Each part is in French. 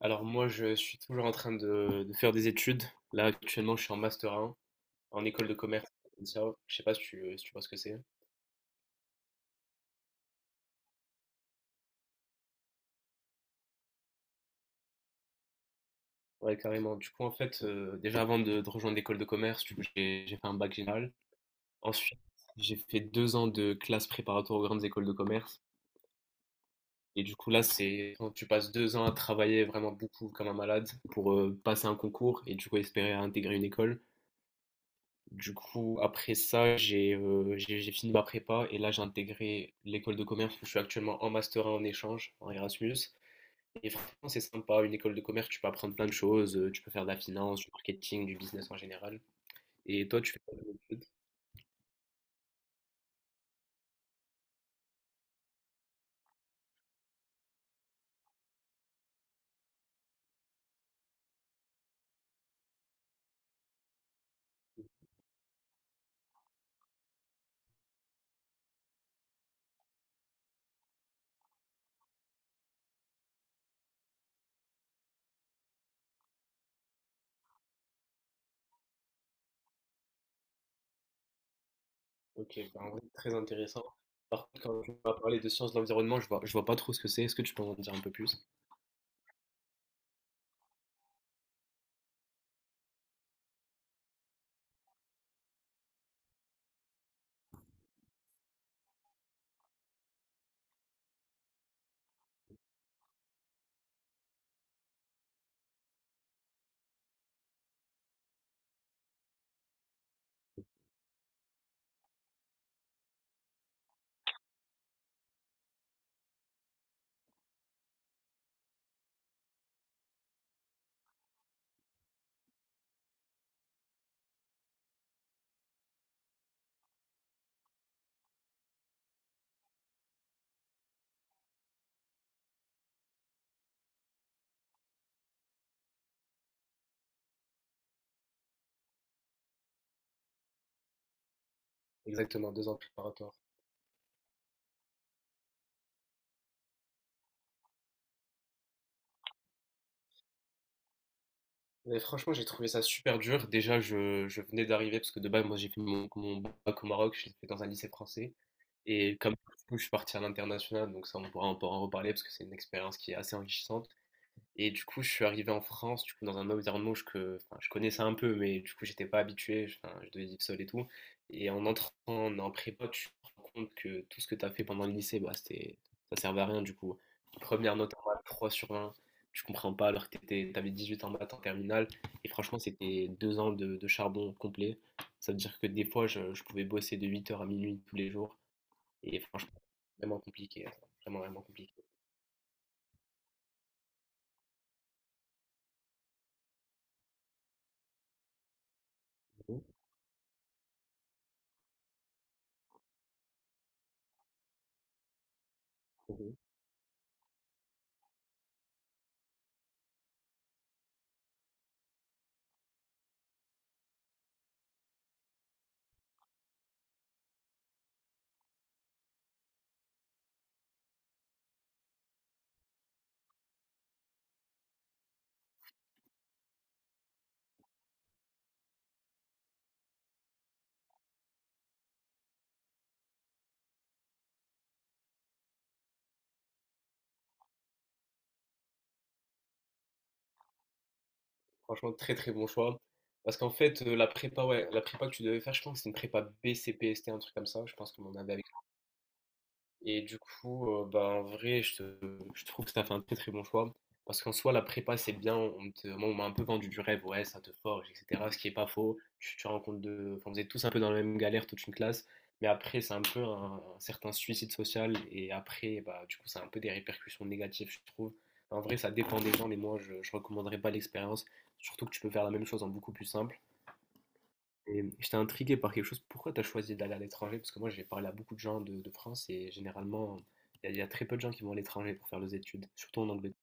Alors moi, je suis toujours en train de faire des études. Là, actuellement, je suis en master un en école de commerce. Ça. Je sais pas si tu vois ce que c'est. Ouais, carrément. Du coup, en fait, déjà avant de rejoindre l'école de commerce, du coup, j'ai fait un bac général. Ensuite, j'ai fait deux ans de classe préparatoire aux grandes écoles de commerce. Et du coup, là, c'est quand tu passes deux ans à travailler vraiment beaucoup comme un malade pour passer un concours et du coup espérer à intégrer une école. Du coup, après ça, j'ai fini ma prépa et là, j'ai intégré l'école de commerce où je suis actuellement en master 1 en échange, en Erasmus. Et franchement, c'est sympa, une école de commerce, tu peux apprendre plein de choses, tu peux faire de la finance, du marketing, du business en général. Et toi, tu fais quoi comme études? Ok, bah, en vrai, très intéressant. Par contre, quand tu vas parler de sciences de l'environnement, je vois pas trop ce que c'est. Est-ce que tu peux en dire un peu plus? Exactement, deux ans préparatoire. Mais franchement, j'ai trouvé ça super dur. Déjà, je venais d'arriver parce que de base, moi, j'ai fait mon bac au Maroc, je l'ai fait dans un lycée français. Et comme du coup, je suis parti à l'international, donc ça, on pourra en reparler parce que c'est une expérience qui est assez enrichissante. Et du coup, je suis arrivé en France, du coup, dans un environnement où enfin, je connaissais un peu, mais du coup, j'étais pas habitué, enfin, je devais vivre seul et tout. Et en entrant en prépa, tu te rends compte que tout ce que tu as fait pendant le lycée, bah, ça servait à rien, du coup. Première note en maths, 3 sur 20, tu comprends pas alors que tu avais huit en maths en terminale. Et franchement, c'était deux ans de charbon complet. Ça veut dire que des fois, je pouvais bosser de huit heures à minuit tous les jours. Et franchement, vraiment compliqué, vraiment, vraiment compliqué. Franchement, très très bon choix. Parce qu'en fait, la prépa, ouais, la prépa que tu devais faire, je pense que c'est une prépa BCPST, un truc comme ça. Je pense qu'on en avait et du coup, bah, en vrai, je trouve que ça fait un très très bon choix. Parce qu'en soi, la prépa, c'est bien. Moi, on m'a un peu vendu du rêve. Ouais, ça te forge, etc. Ce qui est pas faux. Tu rencontres de. Enfin, vous êtes tous un peu dans la même galère, toute une classe. Mais après, c'est un peu un certain suicide social. Et après, bah, du coup, ça a un peu des répercussions négatives, je trouve. En vrai, ça dépend des gens. Mais moi, je recommanderais pas l'expérience. Surtout que tu peux faire la même chose en beaucoup plus simple. Et j'étais intrigué par quelque chose. Pourquoi tu as choisi d'aller à l'étranger? Parce que moi, j'ai parlé à beaucoup de gens de France et généralement, il y a très peu de gens qui vont à l'étranger pour faire leurs études, surtout en Angleterre.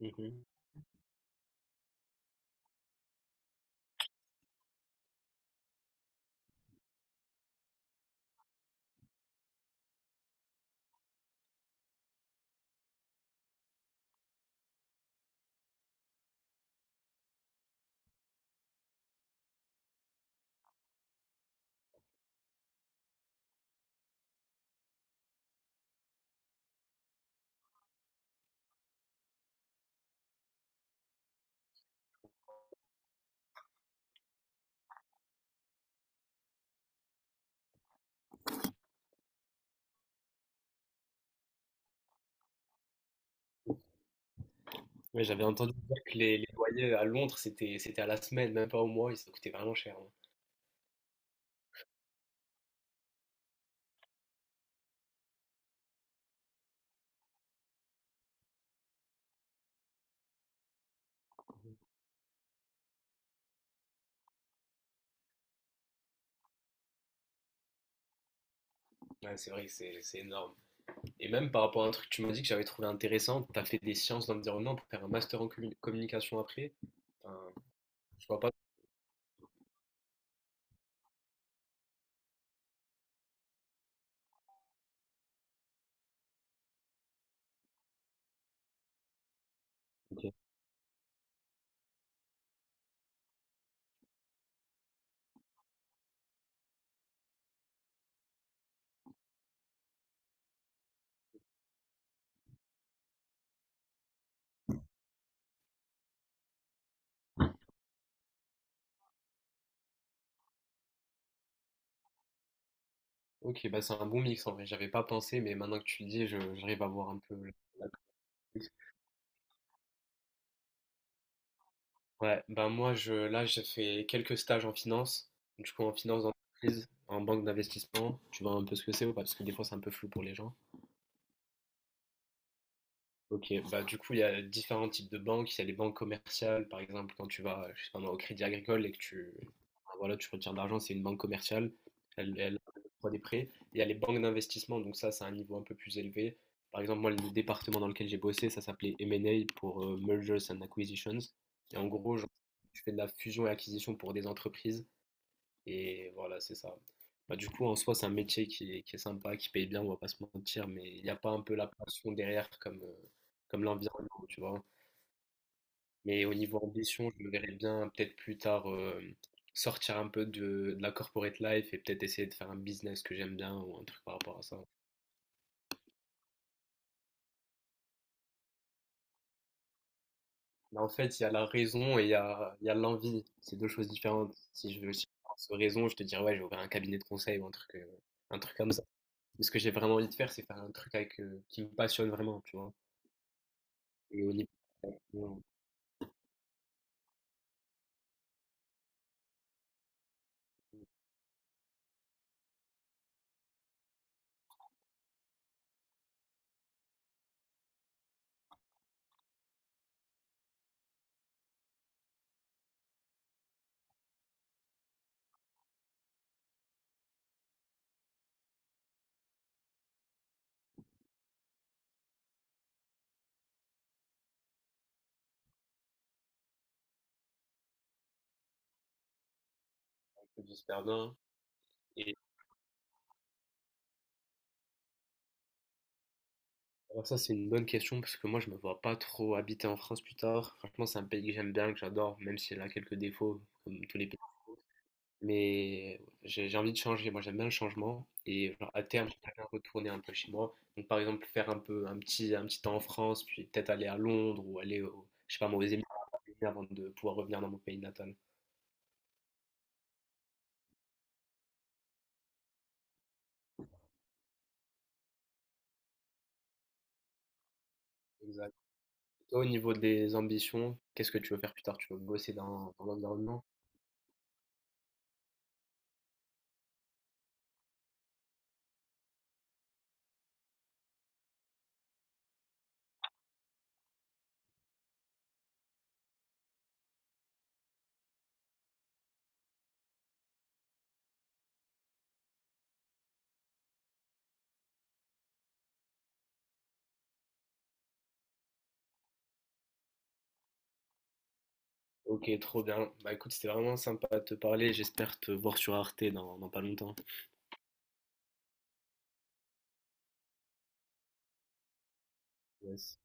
Mhm. Ouais, j'avais entendu dire que les loyers à Londres, c'était à la semaine, même pas au mois, et ça coûtait vraiment cher, hein. Ouais, c'est vrai que c'est énorme. Et même par rapport à un truc que tu m'as dit que j'avais trouvé intéressant, tu as fait des sciences de l'environnement pour faire un master en communication après. Enfin, je vois pas. Ok. Ok, bah c'est un bon mix en vrai. J'avais pas pensé, mais maintenant que tu le dis, j'arrive à voir un peu la. Ouais, bah moi je là j'ai fait quelques stages en finance, du coup en finance d'entreprise, en banque d'investissement, tu vois un peu ce que c'est ou pas, parce que des fois c'est un peu flou pour les gens. Ok, bah du coup, il y a différents types de banques. Il y a les banques commerciales, par exemple, quand tu vas, je sais pas moi, au Crédit Agricole et que enfin, voilà, tu retires de l'argent, c'est une banque commerciale. Elle, elle octroie des prêts. Il y a les banques d'investissement, donc ça, c'est un niveau un peu plus élevé. Par exemple, moi, le département dans lequel j'ai bossé, ça s'appelait M&A pour Mergers and Acquisitions. Et en gros, genre, tu fais de la fusion et acquisition pour des entreprises. Et voilà, c'est ça. Bah, du coup, en soi, c'est un métier qui est sympa, qui paye bien, on va pas se mentir, mais il n'y a pas un peu la passion derrière comme, comme l'environnement, tu vois. Mais au niveau ambition, je me verrais bien peut-être plus tard sortir un peu de la corporate life et peut-être essayer de faire un business que j'aime bien ou un truc par rapport à ça. Mais en fait, il y a la raison et il y a l'envie. C'est deux choses différentes. Si je veux aussi avoir raison, je te dirais, ouais, j'ai ouvert un cabinet de conseil ou un truc comme ça. Mais ce que j'ai vraiment envie de faire, c'est faire un truc avec, qui me passionne vraiment, tu vois. Et honnêtement, on peut dire super bien. Et alors ça, c'est une bonne question parce que moi, je me vois pas trop habiter en France plus tard. Franchement, c'est un pays que j'aime bien, que j'adore, même s'il a quelques défauts, comme tous les pays. Mais j'ai envie de changer. Moi, j'aime bien le changement. Et genre, à terme, j'aimerais bien retourner un peu chez moi. Donc, par exemple, faire un peu un petit temps en France, puis peut-être aller à Londres ou aller au, je sais pas, moi, aux Émirats avant de pouvoir revenir dans mon pays natal. Exact. Toi, au niveau des ambitions, qu'est-ce que tu veux faire plus tard? Tu veux bosser dans l'environnement? Ok, trop bien. Bah écoute, c'était vraiment sympa de te parler. J'espère te voir sur Arte dans pas longtemps. Yes.